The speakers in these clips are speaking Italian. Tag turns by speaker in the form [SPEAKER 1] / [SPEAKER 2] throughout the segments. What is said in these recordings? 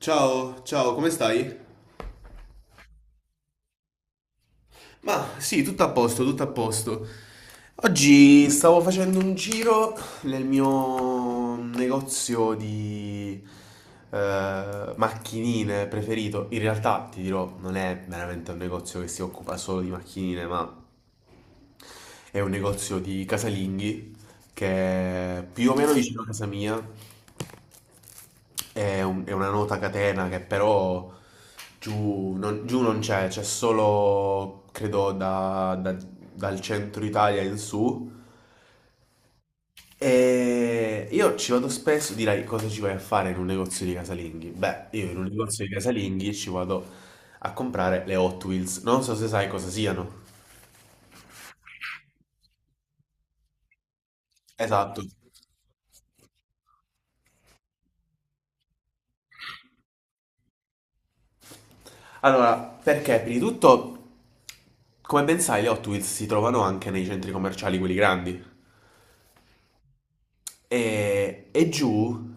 [SPEAKER 1] Ciao, ciao, come stai? Ma sì, tutto a posto, tutto a posto. Oggi stavo facendo un giro nel mio negozio di macchinine preferito. In realtà, ti dirò, non è veramente un negozio che si occupa solo di macchinine, ma è un negozio di casalinghi che è più o meno vicino a casa mia. È una nota catena che però giù non c'è solo, credo, dal centro Italia in su. E io ci vado spesso, direi, cosa ci vai a fare in un negozio di casalinghi? Beh, io in un negozio di casalinghi ci vado a comprare le Hot Wheels. Non so se sai cosa siano. Esatto. Allora, perché prima di tutto, come ben sai, le Hot Wheels si trovano anche nei centri commerciali, quelli grandi. E giù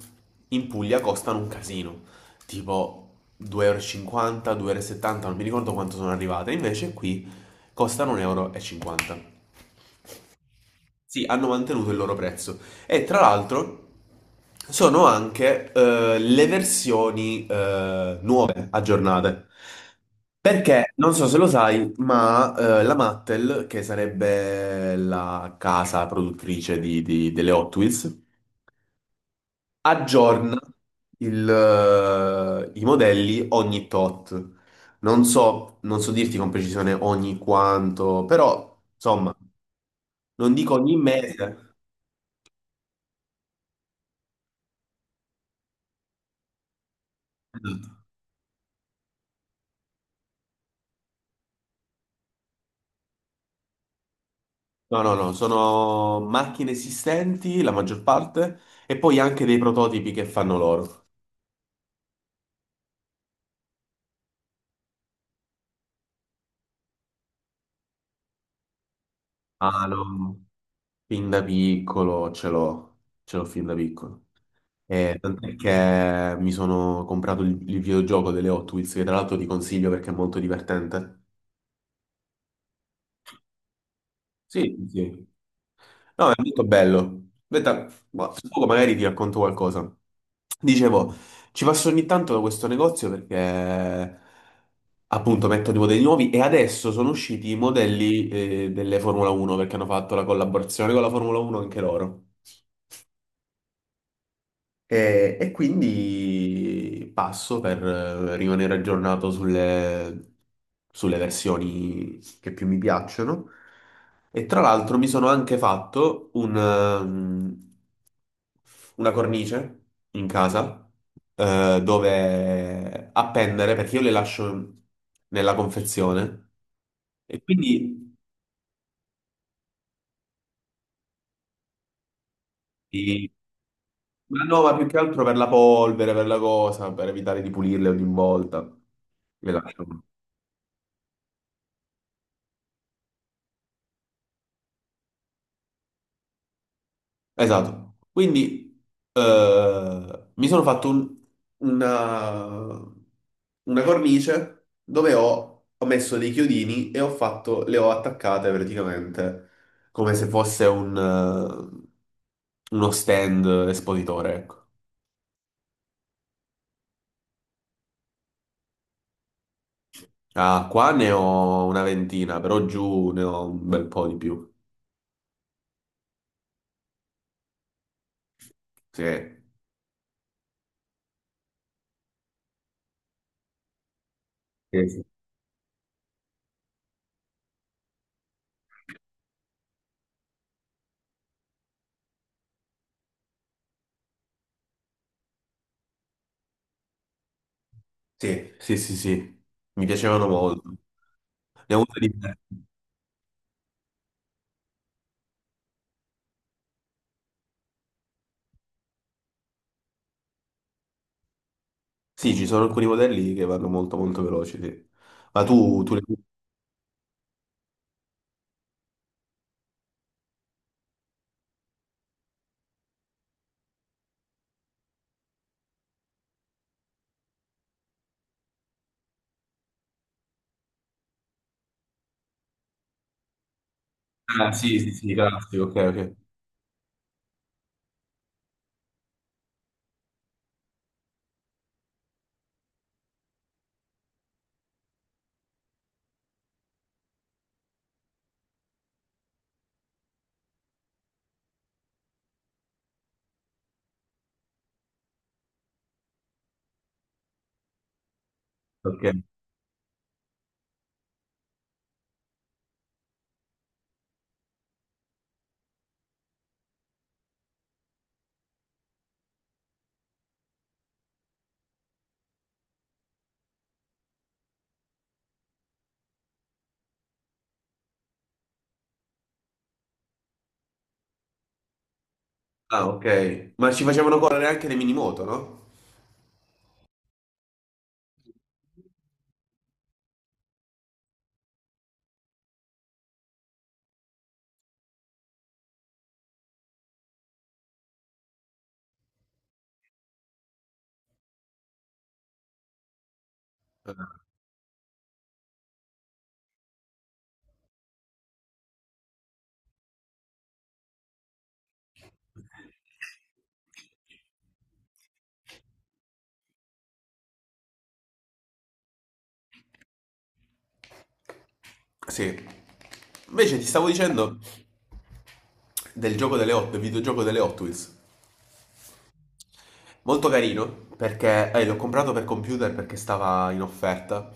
[SPEAKER 1] in Puglia costano un casino, tipo 2,50 euro, 2,70 euro, e settanta, non mi ricordo quanto sono arrivate, invece qui costano 1,50 euro, e cinquanta. Sì, hanno mantenuto il loro prezzo. E tra l'altro sono anche le versioni nuove, aggiornate. Perché non so se lo sai, ma la Mattel, che sarebbe la casa produttrice delle Hot Wheels, aggiorna i modelli ogni tot. Non so dirti con precisione ogni quanto, però insomma, non dico ogni mese. Esatto. No, no, no, sono macchine esistenti, la maggior parte, e poi anche dei prototipi che fanno loro. Ah, no, fin da piccolo ce l'ho fin da piccolo. Tant'è che mi sono comprato il videogioco delle Hot Wheels, che tra l'altro ti consiglio perché è molto divertente. Sì, sì. No, è molto bello. Aspetta, ma tra poco magari ti racconto qualcosa. Dicevo, ci passo ogni tanto da questo negozio perché appunto mettono i modelli nuovi e adesso sono usciti i modelli delle Formula 1 perché hanno fatto la collaborazione con la Formula 1 anche loro. E quindi passo per rimanere aggiornato sulle versioni che più mi piacciono. E tra l'altro mi sono anche fatto una cornice in casa dove appendere, perché io le lascio nella confezione. E quindi, sì, ma no, ma più che altro per la polvere, per la cosa, per evitare di pulirle ogni volta. Le lascio. Esatto. Quindi mi sono fatto una, una cornice dove ho messo dei chiodini e ho fatto, le ho attaccate praticamente come se fosse uno stand espositore. Ecco. Ah, qua ne ho una ventina, però giù ne ho un bel po' di più. Sì. Sì, sì, sì, sì. Sì. Mi piacevano molto. Ne ho avuto di diversi. Sì, ci sono alcuni modelli che vanno molto molto veloci, sì. Ma tu le. Ah, sì, sì, sì, classico, ok, ok. Ok. Ah, ok. Ma ci facevano correre anche le mini moto, no? Ah. Sì. Invece ti stavo dicendo del videogioco delle Hot Wheels. Molto carino perché l'ho comprato per computer perché stava in offerta,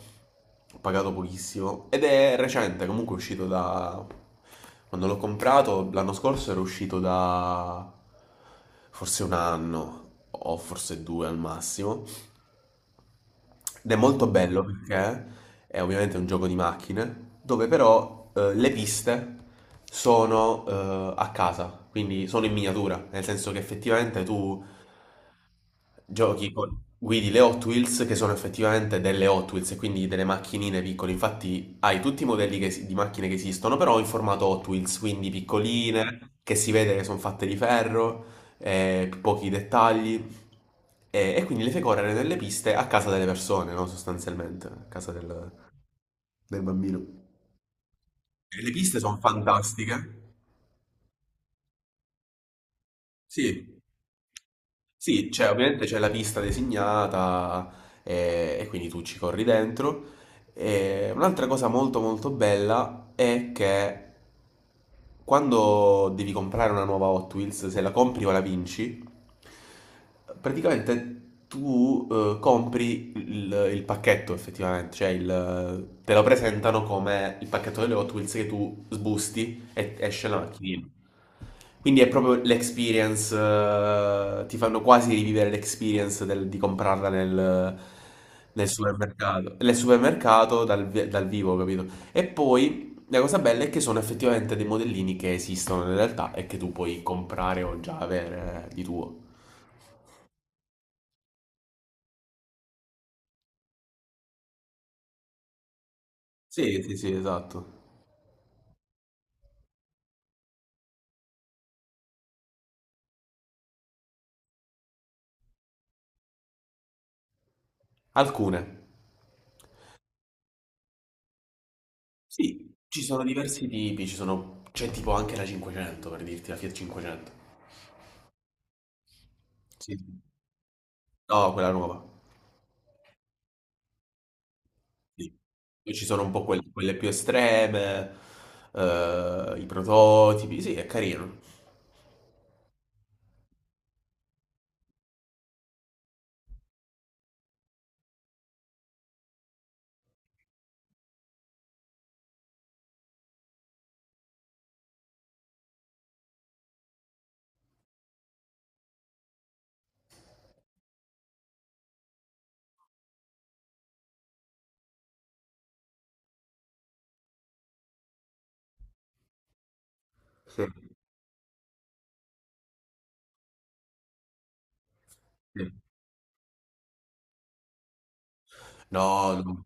[SPEAKER 1] ho pagato pochissimo ed è recente, comunque è uscito da. Quando l'ho comprato l'anno scorso era uscito da forse un anno o forse due al massimo ed è molto bello perché è ovviamente un gioco di macchine dove però le piste sono a casa, quindi sono in miniatura, nel senso che effettivamente tu Giochi con guidi le Hot Wheels che sono effettivamente delle Hot Wheels e quindi delle macchinine piccole. Infatti hai tutti i modelli di macchine che esistono, però in formato Hot Wheels, quindi piccoline, che si vede che sono fatte di ferro, pochi dettagli. E quindi le fai correre nelle piste a casa delle persone, no? Sostanzialmente, a casa del bambino. E le piste sono fantastiche. Sì. Sì, cioè, ovviamente c'è la pista designata, quindi tu ci corri dentro. E un'altra cosa molto molto bella è che quando devi comprare una nuova Hot Wheels, se la compri o la vinci, praticamente tu compri il pacchetto effettivamente, cioè te lo presentano come il pacchetto delle Hot Wheels che tu sbusti e esce la macchina. Quindi è proprio l'experience, ti fanno quasi rivivere l'experience di comprarla nel supermercato. Nel supermercato dal vivo, capito? E poi la cosa bella è che sono effettivamente dei modellini che esistono in realtà e che tu puoi comprare o già avere di tuo. Sì, sì, sì, esatto. Alcune. Sì, ci sono diversi tipi, ci sono. C'è tipo anche la 500, per dirti, la Fiat 500. Sì. No, quella nuova. Sì. Poi ci sono un po' quelle più estreme, i prototipi, sì, è carino. Sì, sì. No, non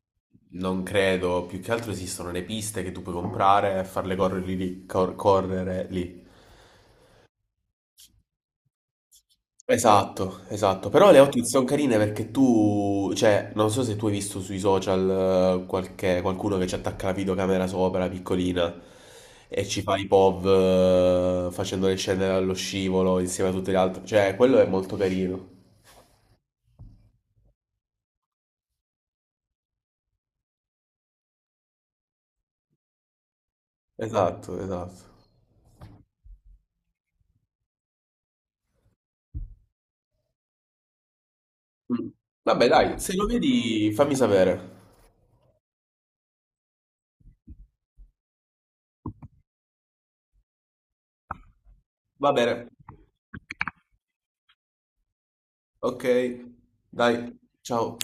[SPEAKER 1] non credo, più che altro esistono le piste che tu puoi comprare e farle correre lì, correre lì. Esatto, esatto, però le ottiche sono carine perché cioè, non so se tu hai visto sui social qualcuno che ci attacca la videocamera sopra, piccolina, e ci fa i POV facendole scendere allo scivolo insieme a tutte le altre, cioè, quello è molto carino. Esatto, esatto. Mm. Vabbè, dai, se lo vedi fammi sapere. Va bene. Ok, dai, ciao.